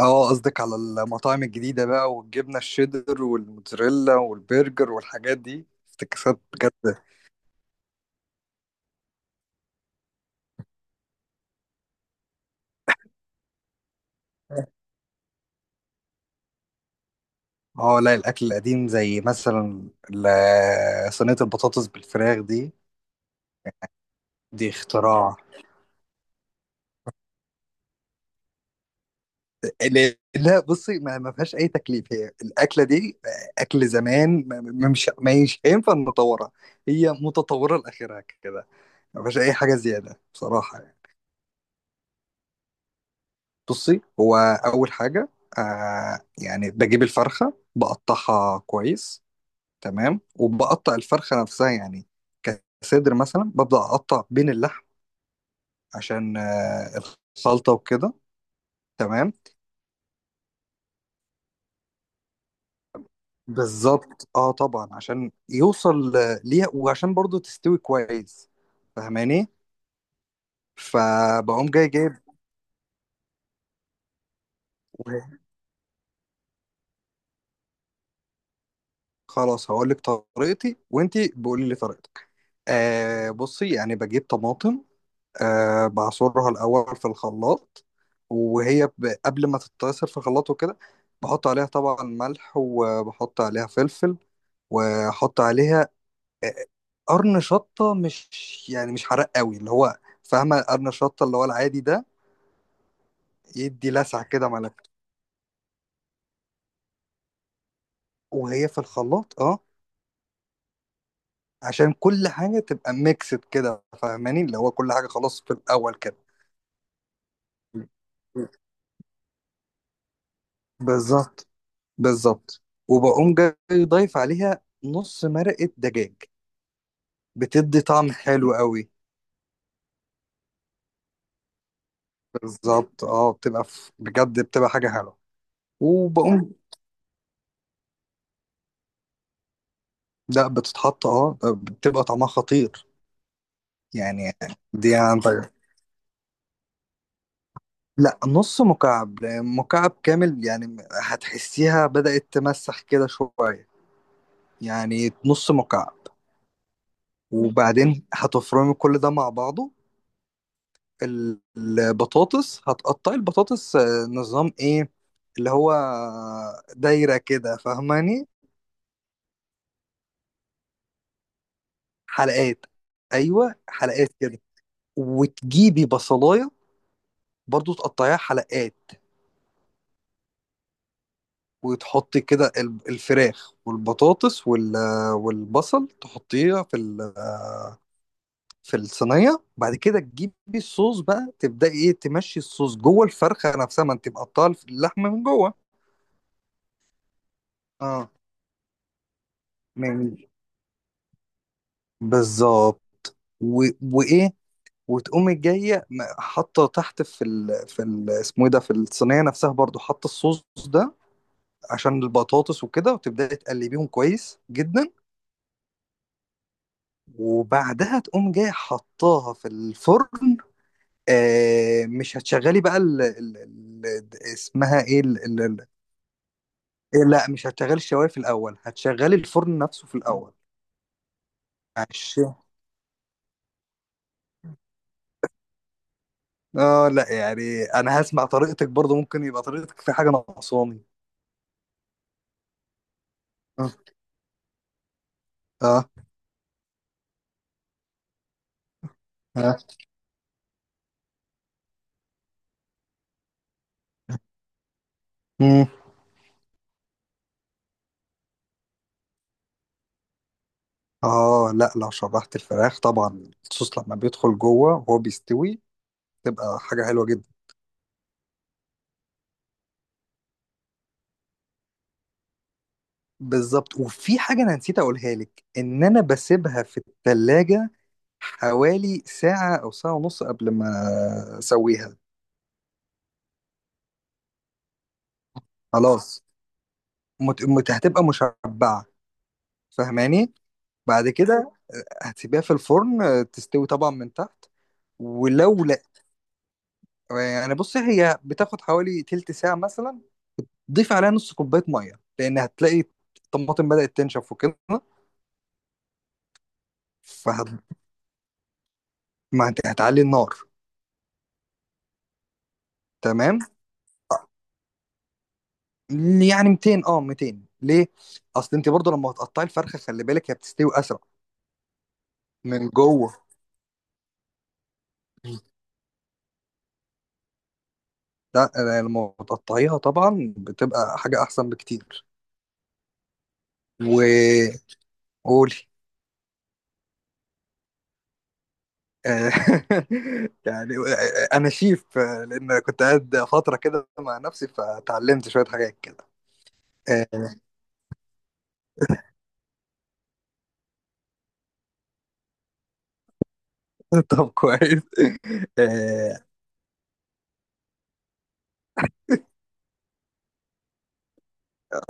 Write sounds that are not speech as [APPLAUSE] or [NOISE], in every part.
اه قصدك على المطاعم الجديدة بقى والجبنة الشيدر والموتزاريلا والبرجر والحاجات دي افتكاسات بجد. اه لا الأكل القديم زي مثلا صينية البطاطس بالفراخ دي. دي اختراع. لا لا، بصي ما فيهاش أي تكليف هي الأكلة دي. أكل زمان ما ما- مش ما مش هينفع نطورها. هي متطورة لآخرها كده. ما فيهاش أي حاجة زيادة بصراحة يعني. بصي هو اول حاجه. بجيب الفرخه بقطعها كويس. تمام وبقطع الفرخه نفسها يعني كصدر مثلا ببدا اقطع بين اللحم عشان الخلطه وكده. تمام بالظبط طبعا عشان يوصل ليها وعشان برضو تستوي كويس. فاهماني؟ فبقوم جاي جايب. خلاص هقول لك طريقتي وانتي بقولي لي طريقتك. بصي يعني بجيب طماطم. بعصرها الأول في الخلاط. وهي قبل ما تتعصر في الخلاط وكده بحط عليها طبعا ملح وبحط عليها فلفل وأحط عليها آه، قرن شطة مش يعني مش حراق قوي اللي هو فاهمة قرن شطة اللي هو العادي ده. يدي لسعة كده ملك. وهي في الخلاط عشان كل حاجة تبقى ميكسد كده فاهماني اللي هو كل حاجة خلاص في الأول كده. بالظبط. بالظبط وبقوم جاي ضايف عليها نص مرقة دجاج. بتدي طعم حلو قوي. بالظبط بتبقى بجد بتبقى حاجة حلوة. وبقوم. لا بتتحط بتبقى طعمها خطير يعني. دي عن طيب. لا نص مكعب مكعب كامل يعني هتحسيها بدأت تمسح كده شوية. يعني نص مكعب. وبعدين هتفرمي كل ده مع بعضه. البطاطس هتقطعي البطاطس نظام ايه؟ اللي هو دايرة كده فاهماني. حلقات. ايوه حلقات كده. وتجيبي بصلاية برضو تقطعيها حلقات. وتحطي كده الفراخ والبطاطس والبصل تحطيها في في الصينية بعد كده تجيبي الصوص بقى تبدأي ايه تمشي الصوص جوه الفرخة نفسها ما انت مقطعه اللحمة من جوه. اه من بالظبط. وايه وتقوم جايه حاطه تحت في اسمه ايه ده في الصينيه نفسها برضو حاطه الصوص ده عشان البطاطس وكده وتبداي تقلبيهم كويس جدا. وبعدها تقوم جايه حطاها في الفرن. مش هتشغلي بقى اسمها ايه إيه، لا مش هتشغلي الشوايه في الاول هتشغلي الفرن نفسه في الاول عشان. اه لا يعني انا هسمع طريقتك برضو ممكن يبقى طريقتك في حاجه ناقصاني. اه اه آه. مم. اه لا لو شرحت الفراخ طبعا الصوص لما بيدخل جوه وهو بيستوي تبقى حاجة حلوة جدا. بالظبط وفي حاجة أنا نسيت أقولها لك إن أنا بسيبها في التلاجة حوالي ساعة أو ساعة ونص قبل ما أسويها. خلاص هتبقى مشبعة. فاهماني؟ بعد كده هتسيبيها في الفرن تستوي طبعا من تحت. ولو لا يعني بصي هي بتاخد حوالي تلت ساعة مثلا. ضيف عليها نص كوبايه ميه لان هتلاقي الطماطم بدات تنشف وكده. فهت. ما هتعلي النار. تمام. يعني 200 200 ليه؟ اصل انت برضو لما هتقطعي الفرخه خلي بالك هي بتستوي اسرع من جوه. لا أنا لما بتقطعيها طبعا بتبقى حاجه احسن بكتير. وقولي. آه، [LAUGHS] يعني انا شيف لان كنت قاعد فتره كده مع نفسي فتعلمت شويه حاجات كده. [LAUGHS] طب كويس. اه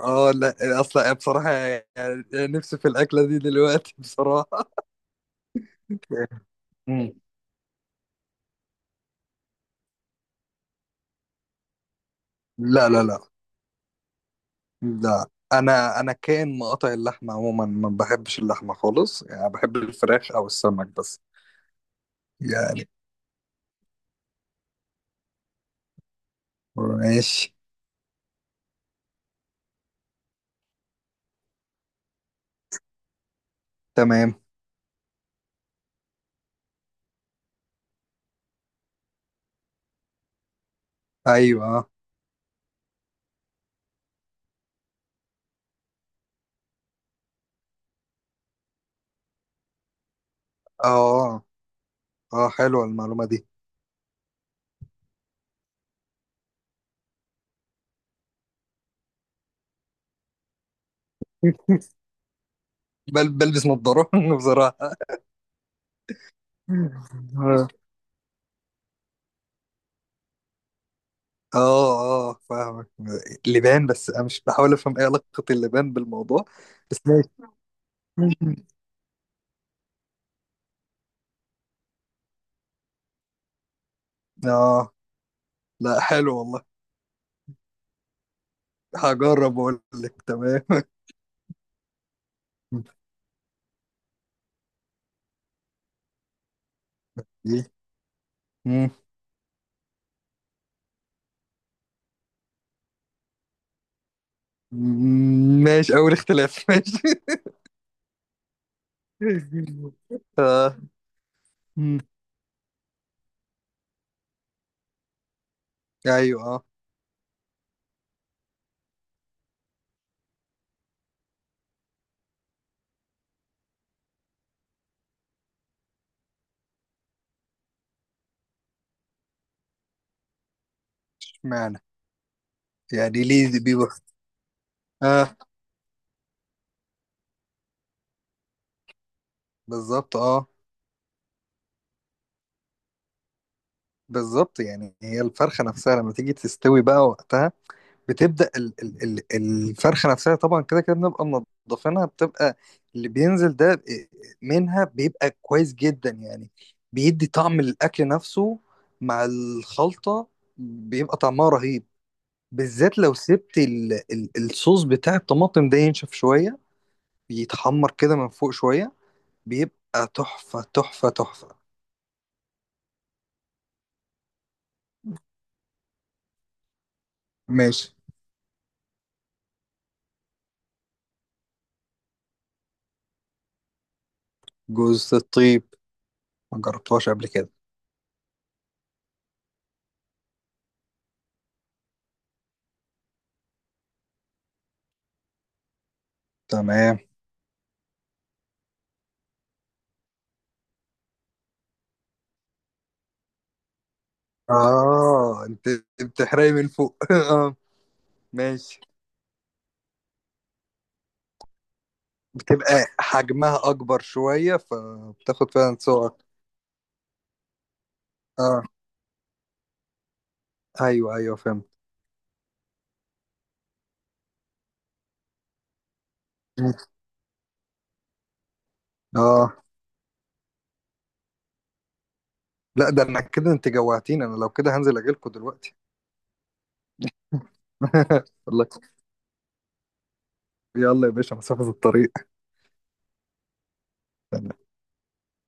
لا اصلا بصراحة يعني نفسي في الأكلة دي دلوقتي [LAUGHS] بصراحة. مم. لا لا لا لا. انا كان مقاطع اللحمة عموما ما بحبش اللحمة خالص يعني بحب الفراخ او السمك بس يعني. ماشي تمام. ايوه اه اه حلوة المعلومة دي. [LAUGHS] بلبس نظارة [LAUGHS] بصراحة. اه اه فاهمك. لبان بس انا مش بحاول افهم ايه علاقة اللبان بالموضوع. بس ماشي. [LAUGHS] اه لا حلو والله. هجرب واقول لك تمام [LAUGHS] إيه؟ مم. مم. ماشي اول اختلاف [LAUGHS] ماشي. مم. ايوه اه. اشمعنى؟ يعني ليه دي بيبقى. اه بالظبط اه. بالظبط يعني هي الفرخة نفسها لما تيجي تستوي بقى وقتها بتبدا الفرخه نفسها طبعا كده كده بنبقى منضفينها بتبقى اللي بينزل ده منها بيبقى كويس جدا يعني. بيدي طعم الاكل نفسه مع الخلطه بيبقى طعمها رهيب. بالذات لو سبت ال ال الصوص بتاع الطماطم ده ينشف شويه بيتحمر كده من فوق شويه بيبقى تحفه تحفه تحفه. ماشي. جوز الطيب ما جربتهاش قبل كده. تمام اه انت بتحرقي من فوق [LAUGHS] اه. ماشي. بتبقى حجمها اكبر شوية فبتاخد فعلا سوق أكتر. اه ايوه ايوه فهمت. مم. اه لا ده انا كده انت جوعتيني انا لو كده هنزل اجيلكوا دلوقتي. [LAUGHS] والله. يلا يا باشا مسافة الطريق.